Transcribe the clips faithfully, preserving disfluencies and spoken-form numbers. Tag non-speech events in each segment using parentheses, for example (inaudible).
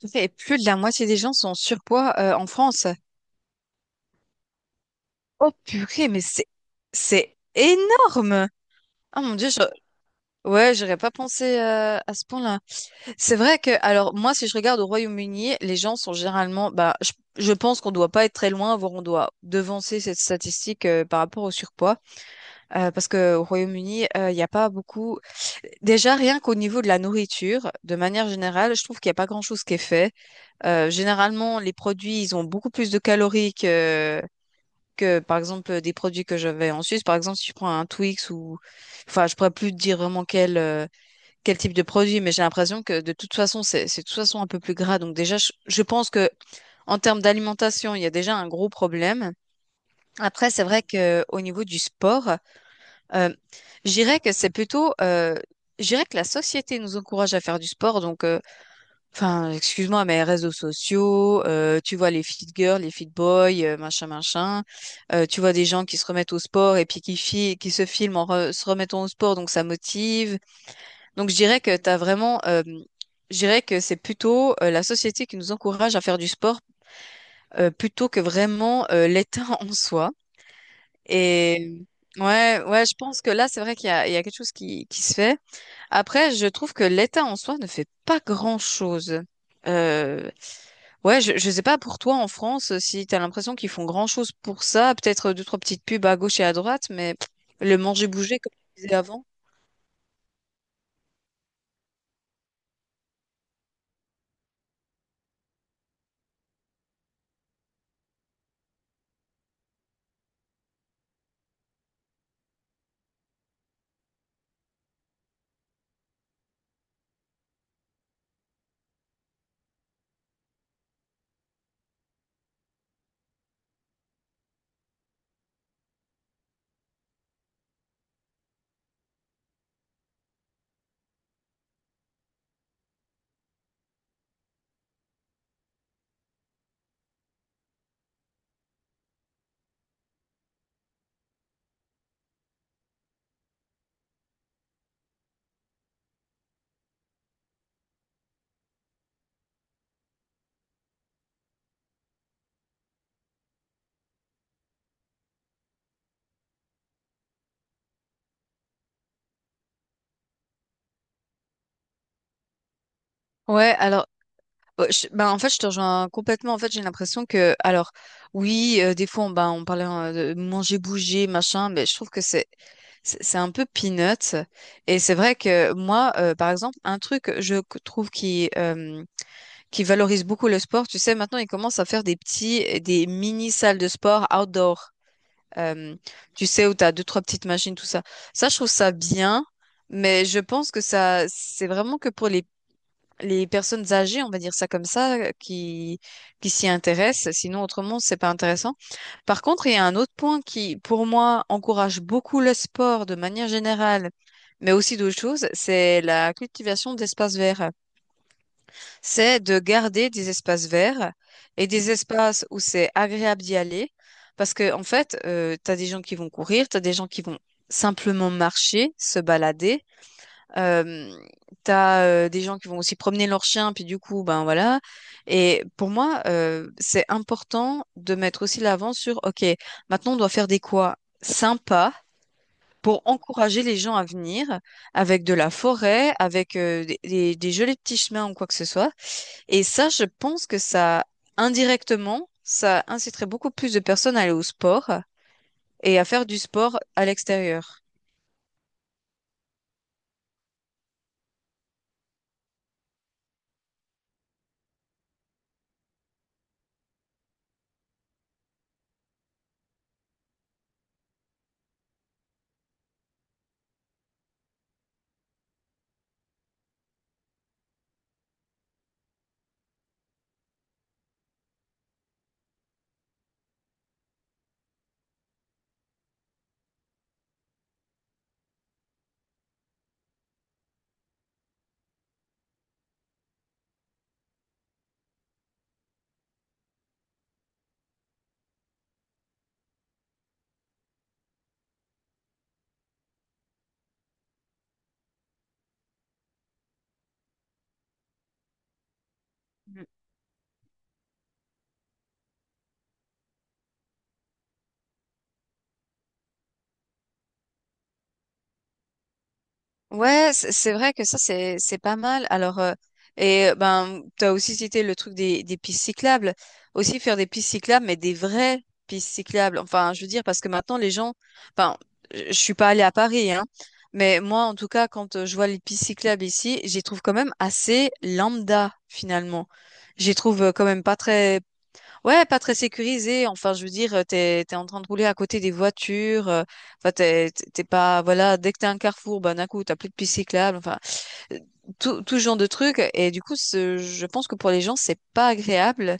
Tout à fait. Et plus de la moitié des gens sont en surpoids euh, en France. Oh purée, mais c'est c'est énorme. Ah mon Dieu, je... ouais, j'aurais pas pensé euh, à ce point-là. C'est vrai que, alors moi, si je regarde au Royaume-Uni, les gens sont généralement, bah, je, je pense qu'on doit pas être très loin, voire on doit devancer cette statistique euh, par rapport au surpoids, euh, parce que au Royaume-Uni, il n'y a pas beaucoup. Déjà, rien qu'au niveau de la nourriture, de manière générale, je trouve qu'il n'y a pas grand-chose qui est fait. Euh, généralement, les produits, ils ont beaucoup plus de calories que, que, par exemple, des produits que j'avais en Suisse. Par exemple, si tu prends un Twix ou, enfin, je pourrais plus te dire vraiment quel, euh, quel type de produit, mais j'ai l'impression que de toute façon, c'est, c'est de toute façon un peu plus gras. Donc déjà, je, je pense que en termes d'alimentation, il y a déjà un gros problème. Après, c'est vrai que au niveau du sport, euh, je dirais que c'est plutôt, euh, je dirais que la société nous encourage à faire du sport, donc. euh, enfin, excuse-moi, mais réseaux sociaux, euh, tu vois les fit girls, les fit boys, euh, machin, machin. Euh, tu vois des gens qui se remettent au sport et puis qui, fi- qui se filment en re- se remettant au sport, donc ça motive. Donc je dirais que t'as vraiment, euh, je dirais que c'est plutôt euh, la société qui nous encourage à faire du sport euh, plutôt que vraiment euh, l'État (laughs) en soi. Et ouais, ouais, je pense que là, c'est vrai qu'il y a, il y a quelque chose qui, qui se fait. Après, je trouve que l'État en soi ne fait pas grand-chose. Euh, ouais, je, je sais pas pour toi en France si t'as l'impression qu'ils font grand-chose pour ça, peut-être deux, trois petites pubs à gauche et à droite, mais pff, le manger-bouger comme tu disais avant. Ouais, alors, euh, je- ben, en fait, je te rejoins complètement. En fait, j'ai l'impression que, alors, oui, euh, des fois, on, ben, on parlait euh, de manger, bouger, machin, mais je trouve que c'est, c'est c'est un peu peanuts. Et c'est vrai que moi, euh, par exemple, un truc, je c- trouve qui, euh, qui valorisent beaucoup le sport. Tu sais, maintenant, ils commencent à faire des petits, des mini salles de sport outdoor. Euh, Tu sais, où tu as deux, trois petites machines, tout ça. Ça, je trouve ça bien, mais je pense que ça, c'est vraiment que pour les, les personnes âgées, on va dire ça comme ça, qui, qui s'y intéressent. Sinon, autrement, c'est pas intéressant. Par contre, il y a un autre point qui, pour moi, encourage beaucoup le sport de manière générale, mais aussi d'autres choses, c'est la cultivation d'espaces verts, c'est de garder des espaces verts et des espaces où c'est agréable d'y aller. Parce que, en fait, euh, tu as des gens qui vont courir, tu as des gens qui vont simplement marcher, se balader. Euh, Tu as des gens qui vont aussi promener leurs chiens, puis du coup, ben voilà. Et pour moi, euh, c'est important de mettre aussi l'avant sur, OK, maintenant on doit faire des quoi sympas pour encourager les gens à venir avec de la forêt, avec euh, des, des des jolis petits chemins ou quoi que ce soit. Et ça, je pense que ça, indirectement, ça inciterait beaucoup plus de personnes à aller au sport et à faire du sport à l'extérieur. Ouais, c- c'est vrai que ça, c'est, c'est pas mal. Alors, euh, et euh, ben, t'as aussi cité le truc des, des pistes cyclables. Aussi faire des pistes cyclables, mais des vraies pistes cyclables. Enfin, je veux dire, parce que maintenant, les gens, enfin, je je suis pas allée à Paris, hein. Mais moi, en tout cas, quand euh, je vois les pistes cyclables ici, j'y trouve quand même assez lambda, finalement. J'y trouve euh, quand même pas très, ouais, pas très sécurisé. Enfin, je veux dire, euh, t'es, t'es en train de rouler à côté des voitures. euh, Enfin, t'es, t'es t'es pas, voilà, dès que t'es un carrefour, ben, d'un coup, t'as plus de piste cyclable. Enfin, euh, tout, tout ce genre de trucs. Et du coup, ce- je pense que pour les gens, c'est pas agréable.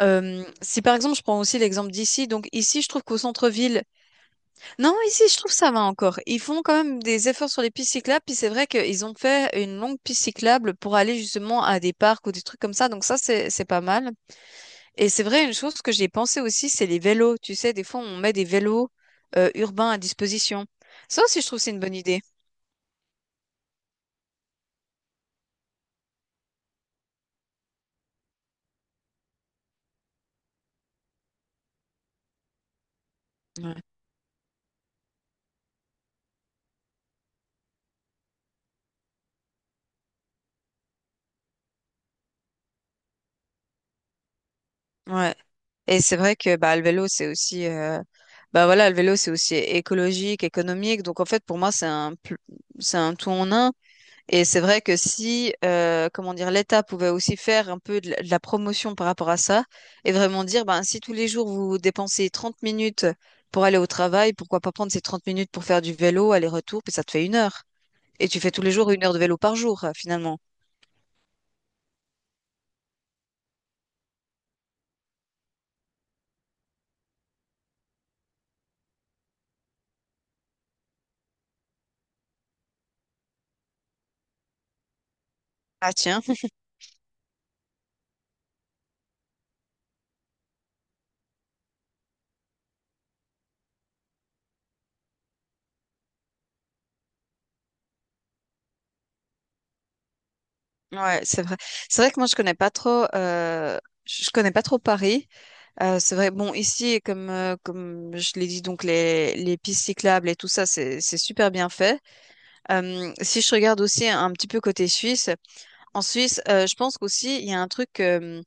Euh, si par exemple, je prends aussi l'exemple d'ici. Donc, ici, je trouve qu'au centre-ville, non, ici, je trouve ça va encore. Ils font quand même des efforts sur les pistes cyclables. Puis c'est vrai qu'ils ont fait une longue piste cyclable pour aller justement à des parcs ou des trucs comme ça. Donc ça, c'est, c'est pas mal. Et c'est vrai, une chose que j'ai pensé aussi, c'est les vélos. Tu sais, des fois, on met des vélos euh, urbains à disposition. Ça aussi, je trouve que c'est une bonne idée. Ouais. Ouais. Et c'est vrai que bah, le vélo, c'est aussi, euh, bah, voilà, le vélo, c'est aussi écologique, économique. Donc, en fait, pour moi, c'est un, pl- c'est un tout en un. Et c'est vrai que si, euh, comment dire, l'État pouvait aussi faire un peu de la, de la promotion par rapport à ça et vraiment dire, ben, si tous les jours vous dépensez trente minutes pour aller au travail, pourquoi pas prendre ces trente minutes pour faire du vélo, aller-retour, puis ça te fait une heure. Et tu fais tous les jours une heure de vélo par jour, euh, finalement. Ah tiens, (laughs) ouais, c'est vrai. C'est vrai que moi je connais pas trop, euh, je je connais pas trop Paris. Euh, c'est vrai. Bon, ici, comme euh, comme je l'ai dit, donc les les pistes cyclables et tout ça, c'est c'est super bien fait. Euh, si je regarde aussi un petit peu côté Suisse, en Suisse, euh, je pense qu'aussi, il y a un truc euh,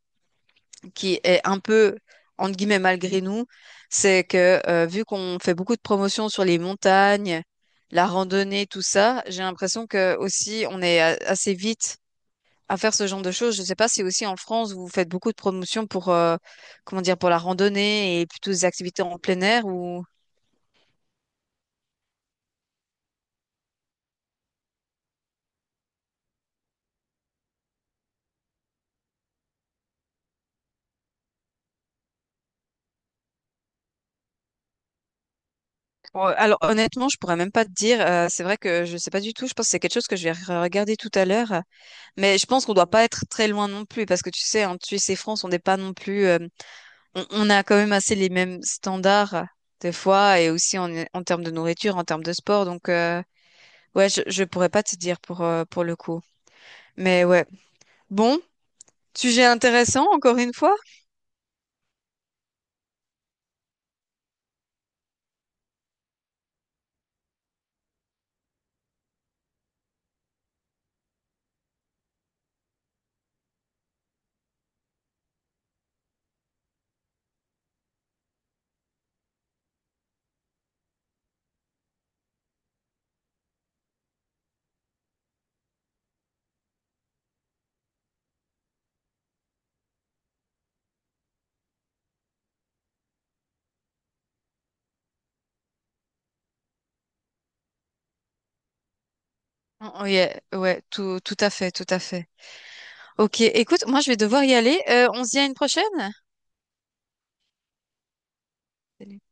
qui est un peu, entre guillemets, malgré nous, c'est que euh, vu qu'on fait beaucoup de promotions sur les montagnes, la randonnée, tout ça, j'ai l'impression que aussi, on est a- assez vite à faire ce genre de choses. Je ne sais pas si aussi en France, vous faites beaucoup de promotions pour, euh, comment dire, pour la randonnée et plutôt des activités en plein air ou... Bon, alors honnêtement, je pourrais même pas te dire. euh, C'est vrai que je sais pas du tout. Je pense que c'est quelque chose que je vais re- regarder tout à l'heure. euh, Mais je pense qu'on doit pas être très loin non plus parce que tu sais, en Suisse et France, on n'est pas non plus. euh, on, on a quand même assez les mêmes standards euh, des fois et aussi en, en termes de nourriture, en termes de sport. Donc euh, ouais, je, je pourrais pas te dire pour euh, pour le coup. Mais ouais. Bon, sujet intéressant encore une fois. Oh, oh, yeah, ouais, tout tout à fait, tout à fait. OK, écoute, moi je vais devoir y aller. Euh, on se dit à une prochaine? Salut.